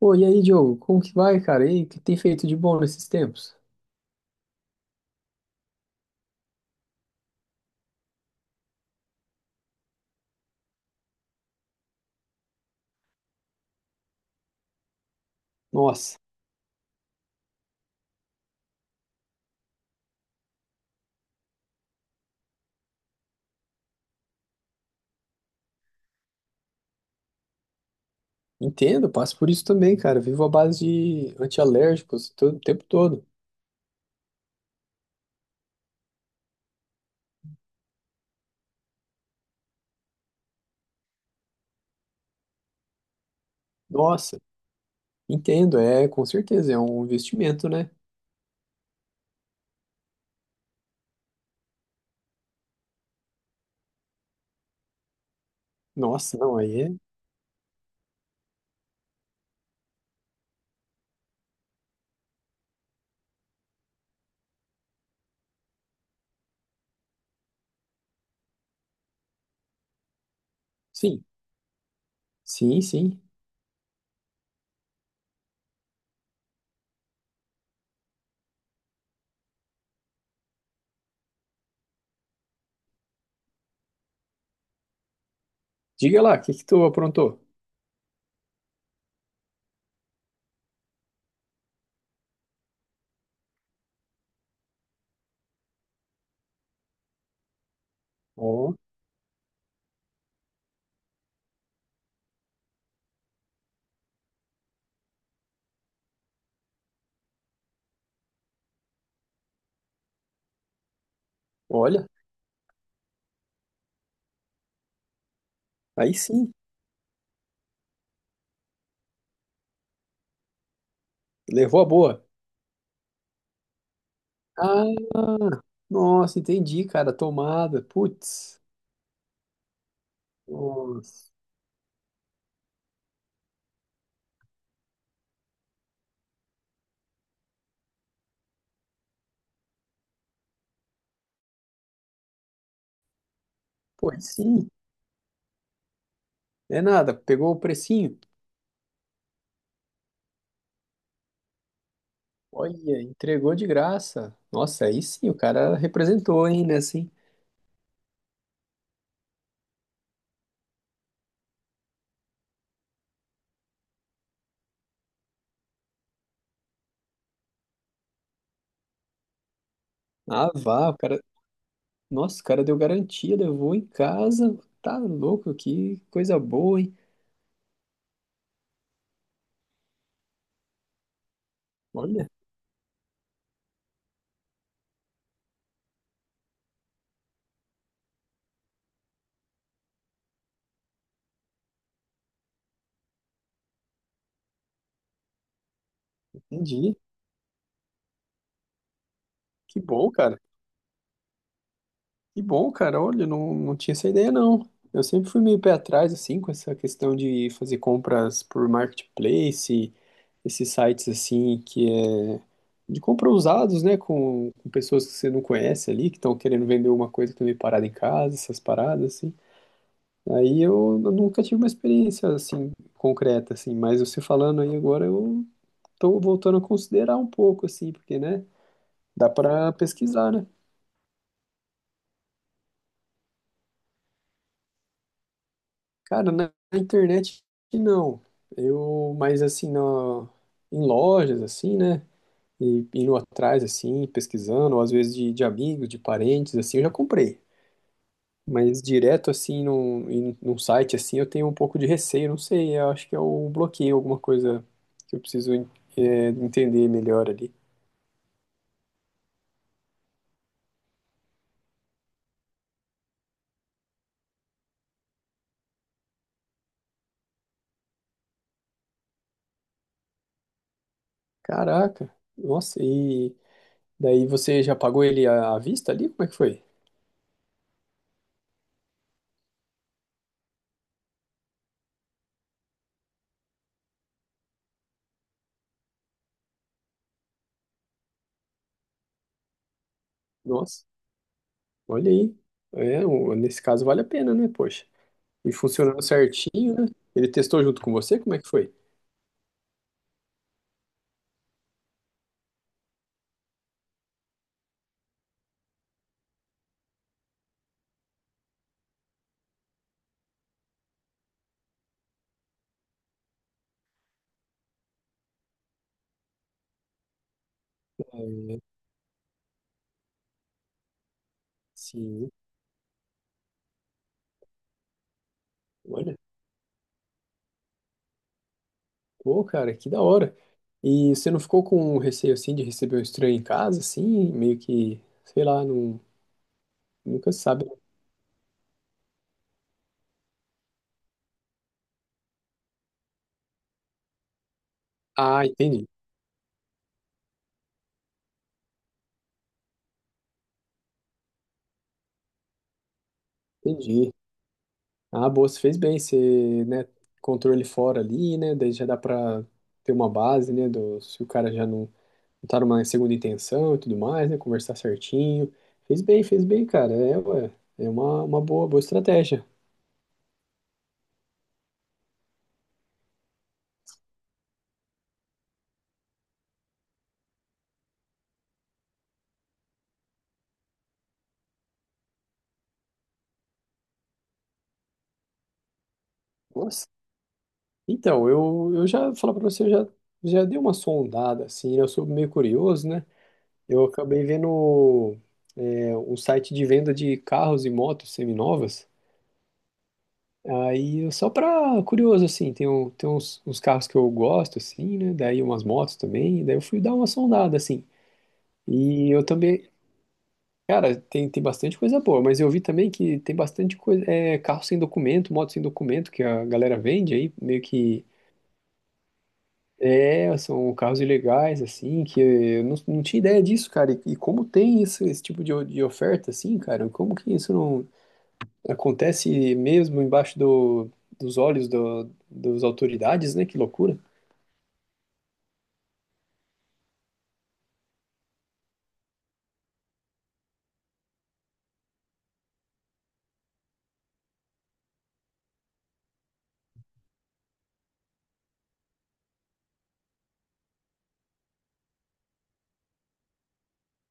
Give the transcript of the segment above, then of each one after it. Pô, e aí, Diogo, como que vai, cara? E aí, o que tem feito de bom nesses tempos? Nossa, entendo, passo por isso também, cara. Vivo à base de antialérgicos todo, o tempo todo. Nossa, entendo, é, com certeza, é um investimento, né? Nossa, não, aí é... Sim, sim, sim. Diga lá, o que que tu aprontou? Ó, olha, aí sim, levou a boa. Ah, nossa, entendi, cara, tomada, putz. Nossa, pô, aí sim, é nada, pegou o precinho. Olha, entregou de graça. Nossa, aí sim, o cara representou, hein, né, assim. Ah, vá, o cara... Nossa, o cara deu garantia, levou em casa. Tá louco, que coisa boa, hein. Olha, entendi. Que bom, cara. Que bom, cara. Olha, não, não tinha essa ideia, não. Eu sempre fui meio pé atrás, assim, com essa questão de fazer compras por marketplace, esses sites assim que é de compra usados, né, com, pessoas que você não conhece ali, que estão querendo vender uma coisa que tá meio parada em casa, essas paradas assim. Aí eu, nunca tive uma experiência assim concreta assim, mas você falando aí agora eu tô voltando a considerar um pouco assim, porque né, dá para pesquisar, né? Cara, na internet não. Eu, mas assim, na, em lojas assim, né? E indo atrás, assim, pesquisando, ou às vezes de, amigos, de parentes, assim, eu já comprei. Mas direto, assim, num, em- num site, assim, eu tenho um pouco de receio, não sei, eu acho que é o bloqueio, alguma coisa que eu preciso entender melhor ali. Caraca, nossa, e daí você já pagou ele à vista ali? Como é que foi? Nossa, olha aí. É, o- nesse caso vale a pena, né, poxa? E funcionando certinho, né? Ele testou junto com você? Como é que foi? Sim, olha. Pô, cara, que da hora. E você não ficou com um receio assim de receber um estranho em casa, assim, meio que, sei lá, não, nunca se sabe. Ah, entendi, entendi. Ah, boa, você fez bem, você, né, controle ele fora ali, né, daí já dá pra ter uma base, né, do, se o cara já não, não tá numa segunda intenção e tudo mais, né, conversar certinho. Fez bem, cara, é, ué, é uma, boa, boa estratégia. Nossa. Então, eu, já, falar pra você, eu já, já dei uma sondada, assim, né, eu sou meio curioso, né. Eu acabei vendo é, um site de venda de carros e motos seminovas. Aí, eu- só pra curioso, assim, tem, um, tem uns, carros que eu gosto, assim, né? Daí umas motos também. Daí eu fui dar uma sondada, assim. E eu também, cara, tem, bastante coisa boa, mas eu vi também que tem bastante coisa, é, carro sem documento, moto sem documento que a galera vende aí, meio que é, são carros ilegais, assim, que eu não, tinha ideia disso, cara. E, como tem isso, esse tipo de, o- de oferta, assim, cara? Como que isso não acontece mesmo embaixo do, dos olhos do, das autoridades, né? Que loucura.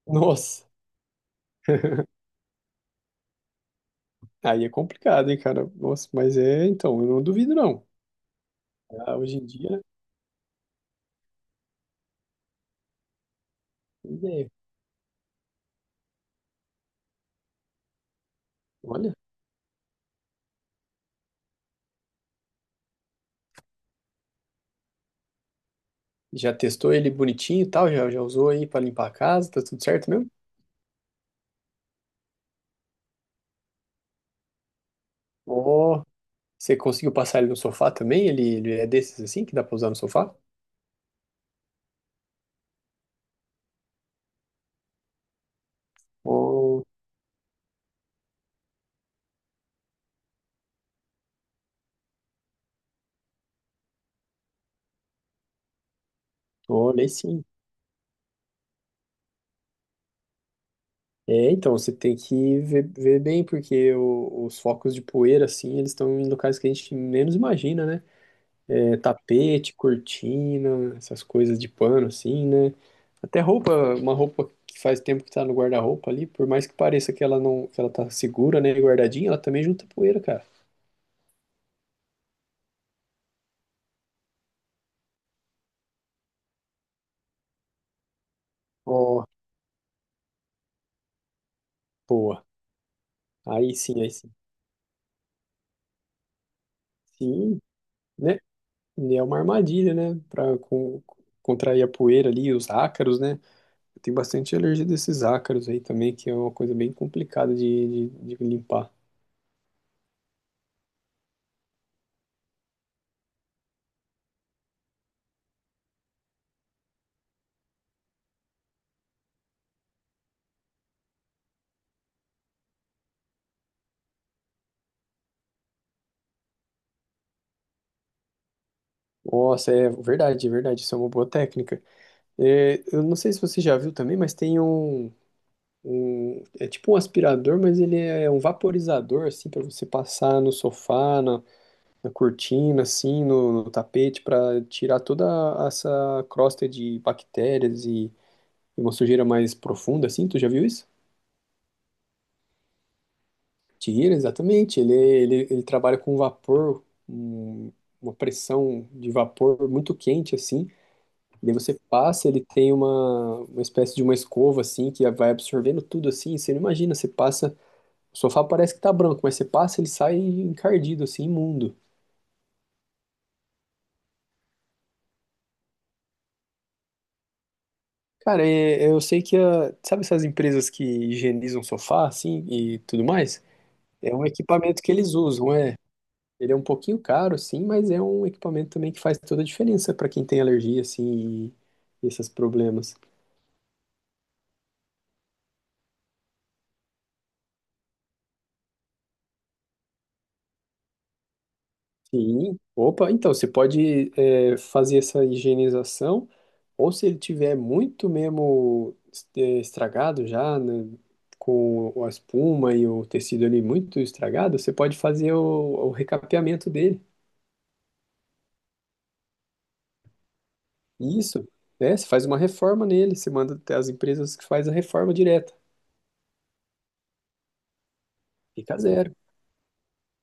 Nossa, aí é complicado, hein, cara? Nossa, mas é, então, eu não duvido, não. Ah, hoje em dia, tem ideia. Olha, já testou ele bonitinho e tal, já, já usou aí pra limpar a casa, tá tudo certo mesmo? Ó, você conseguiu passar ele no sofá também? Ele, é desses, assim, que dá pra usar no sofá? Oh, olhei sim. É, então, você tem que ver, ver bem, porque o- os focos de poeira, assim, eles estão em locais que a gente menos imagina, né? É, tapete, cortina, essas coisas de pano, assim, né? Até roupa, uma roupa que faz tempo que tá no guarda-roupa ali, por mais que pareça que ela não, que ela tá segura, né, e guardadinha, ela também junta poeira, cara. Ó, boa. Aí sim, aí sim. Sim, né? E é uma armadilha, né? Pra con- contrair a poeira ali, os ácaros, né? Tem bastante alergia desses ácaros aí também, que é uma coisa bem complicada de, de limpar. Nossa, é verdade, é verdade. Isso é uma boa técnica. É, eu não sei se você já viu também, mas tem um, um- é tipo um aspirador, mas ele é um vaporizador, assim, para você passar no sofá, na, cortina, assim, no, tapete, para tirar toda essa crosta de bactérias e, uma sujeira mais profunda, assim. Tu já viu isso? Tira, exatamente. Ele, trabalha com vapor, um- uma pressão de vapor muito quente, assim. E daí você passa, ele tem uma, espécie de uma escova, assim, que vai absorvendo tudo, assim. Você não imagina, você passa... O sofá parece que tá branco, mas você passa, ele sai encardido, assim, imundo. Cara, eu sei que... a- sabe essas empresas que higienizam sofá, assim, e tudo mais? É um equipamento que eles usam, é. Ele é um pouquinho caro, sim, mas é um equipamento também que faz toda a diferença para quem tem alergia, assim, e esses problemas. Sim, opa, então você pode é, fazer essa higienização, ou se ele tiver muito mesmo é, estragado já, né, com a espuma e o tecido ali muito estragado, você pode fazer o, recapeamento dele. Isso, né? Você faz uma reforma nele, você manda até as empresas que faz a reforma direta. Fica zero.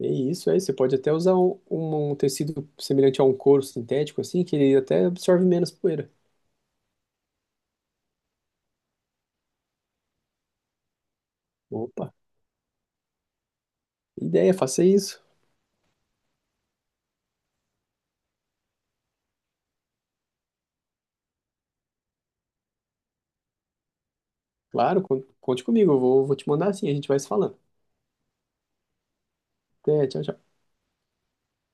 É isso aí, você pode até usar um, um tecido semelhante a um couro sintético, assim, que ele até absorve menos poeira. Opa, ideia, faça isso. Claro, con- conte comigo, eu vou, te mandar assim, a gente vai se falando. Até, tchau, tchau.